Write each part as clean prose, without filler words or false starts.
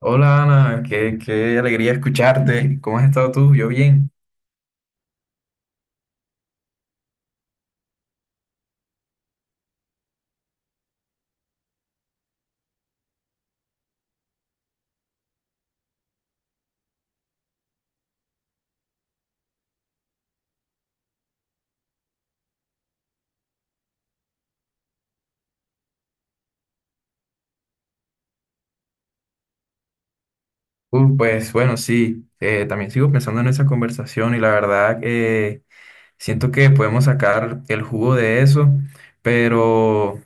Hola Ana, qué alegría escucharte. ¿Cómo has estado tú? Yo bien. Pues bueno, sí, también sigo pensando en esa conversación y la verdad siento que podemos sacar el jugo de eso, pero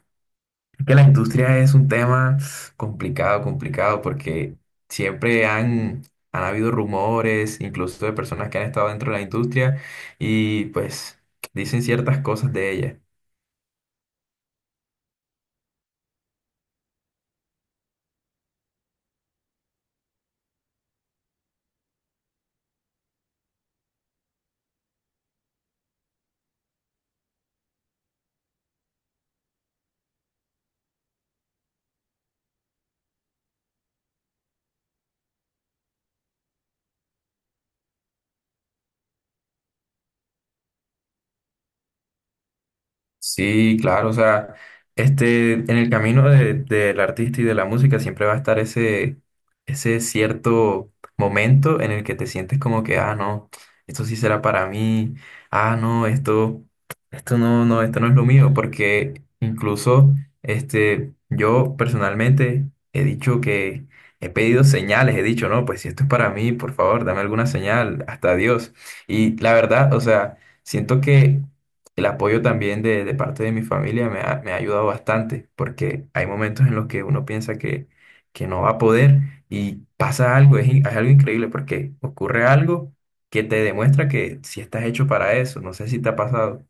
es que la industria es un tema complicado, complicado, porque siempre han habido rumores, incluso de personas que han estado dentro de la industria y pues dicen ciertas cosas de ella. Sí, claro, o sea, este, en el camino del artista y de la música siempre va a estar ese cierto momento en el que te sientes como que, ah, no, esto sí será para mí, ah, no, esto no, no, esto no es lo mío, porque incluso, este, yo personalmente he dicho que he pedido señales, he dicho, no, pues si esto es para mí, por favor, dame alguna señal, hasta Dios. Y la verdad, o sea, siento que el apoyo también de parte de mi familia me me ha ayudado bastante, porque hay momentos en los que uno piensa que no va a poder y pasa algo, es algo increíble, porque ocurre algo que te demuestra que si estás hecho para eso, no sé si te ha pasado.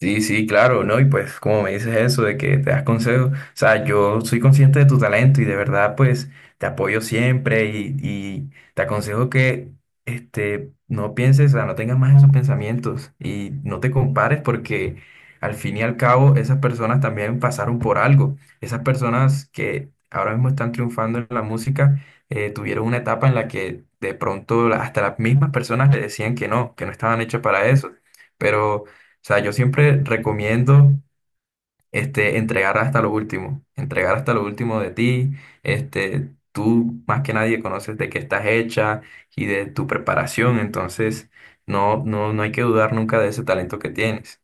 Sí, sí, claro, ¿no? Y pues como me dices eso de que te das consejos, o sea, yo soy consciente de tu talento y de verdad pues te apoyo siempre y te aconsejo que este, no pienses, o sea, no tengas más esos pensamientos y no te compares porque al fin y al cabo esas personas también pasaron por algo. Esas personas que ahora mismo están triunfando en la música tuvieron una etapa en la que de pronto hasta las mismas personas le decían que no estaban hechas para eso, pero sea, yo siempre recomiendo este, entregar hasta lo último, entregar hasta lo último de ti. Este, tú más que nadie conoces de qué estás hecha y de tu preparación, entonces no, no, no hay que dudar nunca de ese talento que tienes.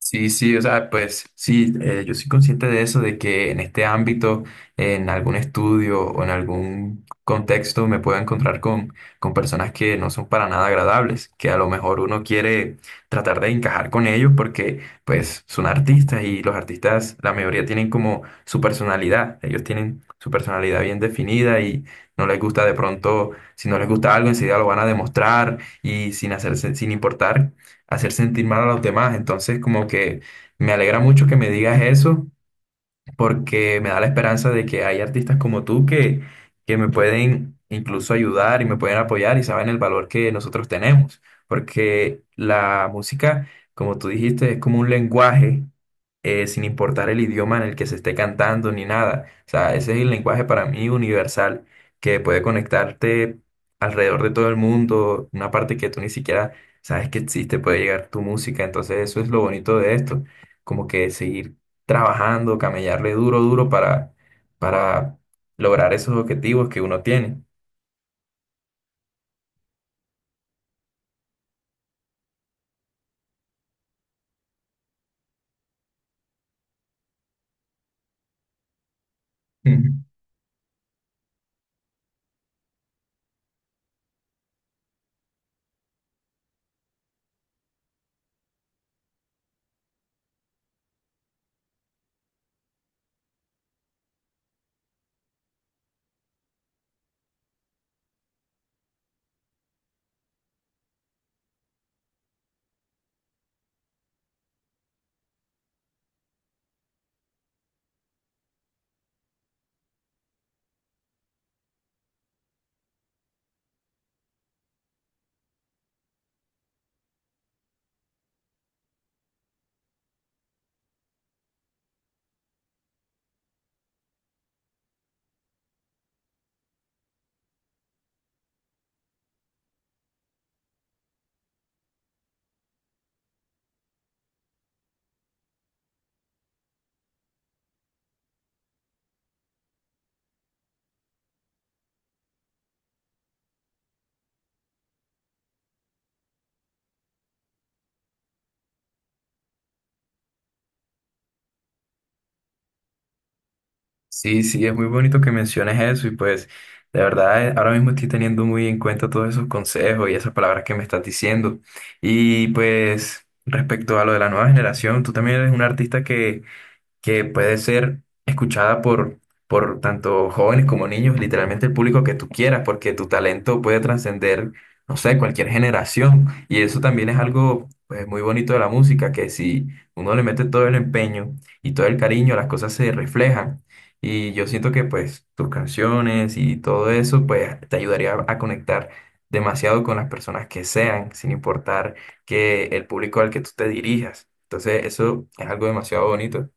Sí, sí, o sea, pues sí, yo soy consciente de eso, de que en este ámbito, en algún estudio o en algún contexto me puedo encontrar con personas que no son para nada agradables, que a lo mejor uno quiere tratar de encajar con ellos porque pues son artistas y los artistas, la mayoría tienen como su personalidad, ellos tienen su personalidad bien definida y no les gusta de pronto, si no les gusta algo, enseguida lo van a demostrar y sin hacerse, sin importar hacer sentir mal a los demás. Entonces, como que me alegra mucho que me digas eso porque me da la esperanza de que hay artistas como tú que me pueden incluso ayudar y me pueden apoyar y saben el valor que nosotros tenemos, porque la música, como tú dijiste, es como un lenguaje, sin importar el idioma en el que se esté cantando ni nada. O sea, ese es el lenguaje para mí universal, que puede conectarte alrededor de todo el mundo, una parte que tú ni siquiera sabes que existe, puede llegar tu música, entonces eso es lo bonito de esto como que seguir trabajando, camellarle duro, duro para lograr esos objetivos que uno tiene. Ujú. Sí, sí, es muy bonito que menciones eso y pues de verdad ahora mismo estoy teniendo muy en cuenta todos esos consejos y esas palabras que me estás diciendo. Y pues respecto a lo de la nueva generación, tú también eres un artista que puede ser escuchada por tanto jóvenes como niños, literalmente el público que tú quieras, porque tu talento puede trascender, no sé, cualquier generación. Y eso también es algo pues, muy bonito de la música, que si uno le mete todo el empeño y todo el cariño, las cosas se reflejan. Y yo siento que pues tus canciones y todo eso pues te ayudaría a conectar demasiado con las personas que sean, sin importar que el público al que tú te dirijas. Entonces, eso es algo demasiado bonito.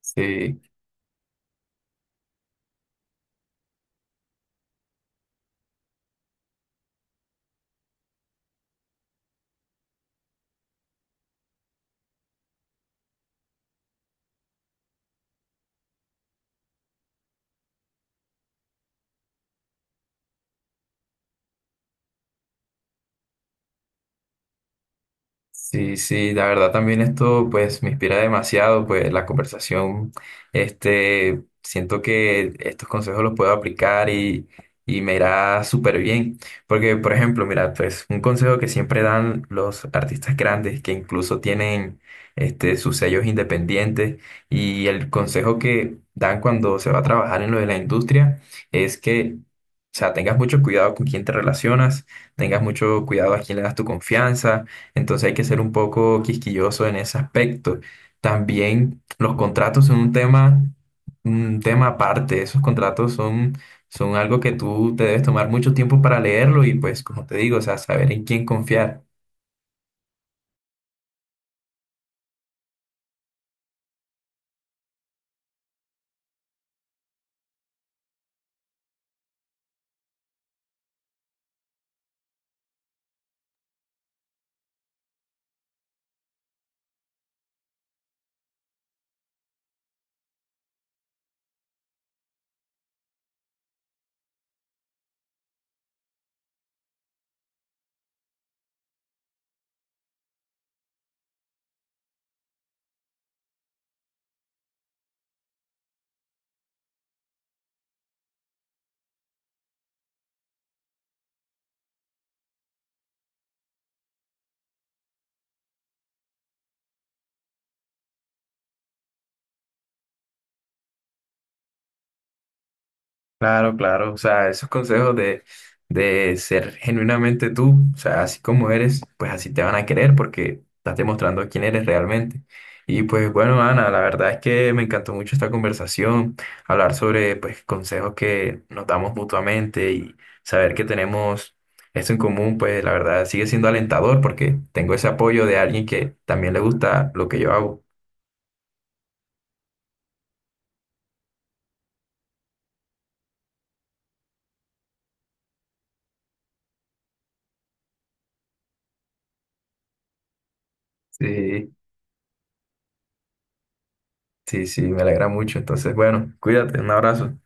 Sí, sí, sí, la verdad también esto pues me inspira demasiado, pues la conversación, este, siento que estos consejos los puedo aplicar y me irá súper bien, porque por ejemplo, mira, pues un consejo que siempre dan los artistas grandes que incluso tienen este, sus sellos independientes y el consejo que dan cuando se va a trabajar en lo de la industria es que, o sea, tengas mucho cuidado con quién te relacionas, tengas mucho cuidado a quién le das tu confianza. Entonces hay que ser un poco quisquilloso en ese aspecto. También los contratos son un tema aparte. Esos contratos son algo que tú te debes tomar mucho tiempo para leerlo y pues, como te digo, o sea, saber en quién confiar. Claro, claro, o sea, esos consejos de ser genuinamente tú, o sea, así como eres, pues así te van a querer porque estás demostrando quién eres realmente. Y pues bueno, Ana, la verdad es que me encantó mucho esta conversación, hablar sobre pues consejos que nos damos mutuamente y saber que tenemos esto en común, pues la verdad sigue siendo alentador porque tengo ese apoyo de alguien que también le gusta lo que yo hago. Sí, sí, sí, me alegra mucho. Entonces, bueno, cuídate, un abrazo.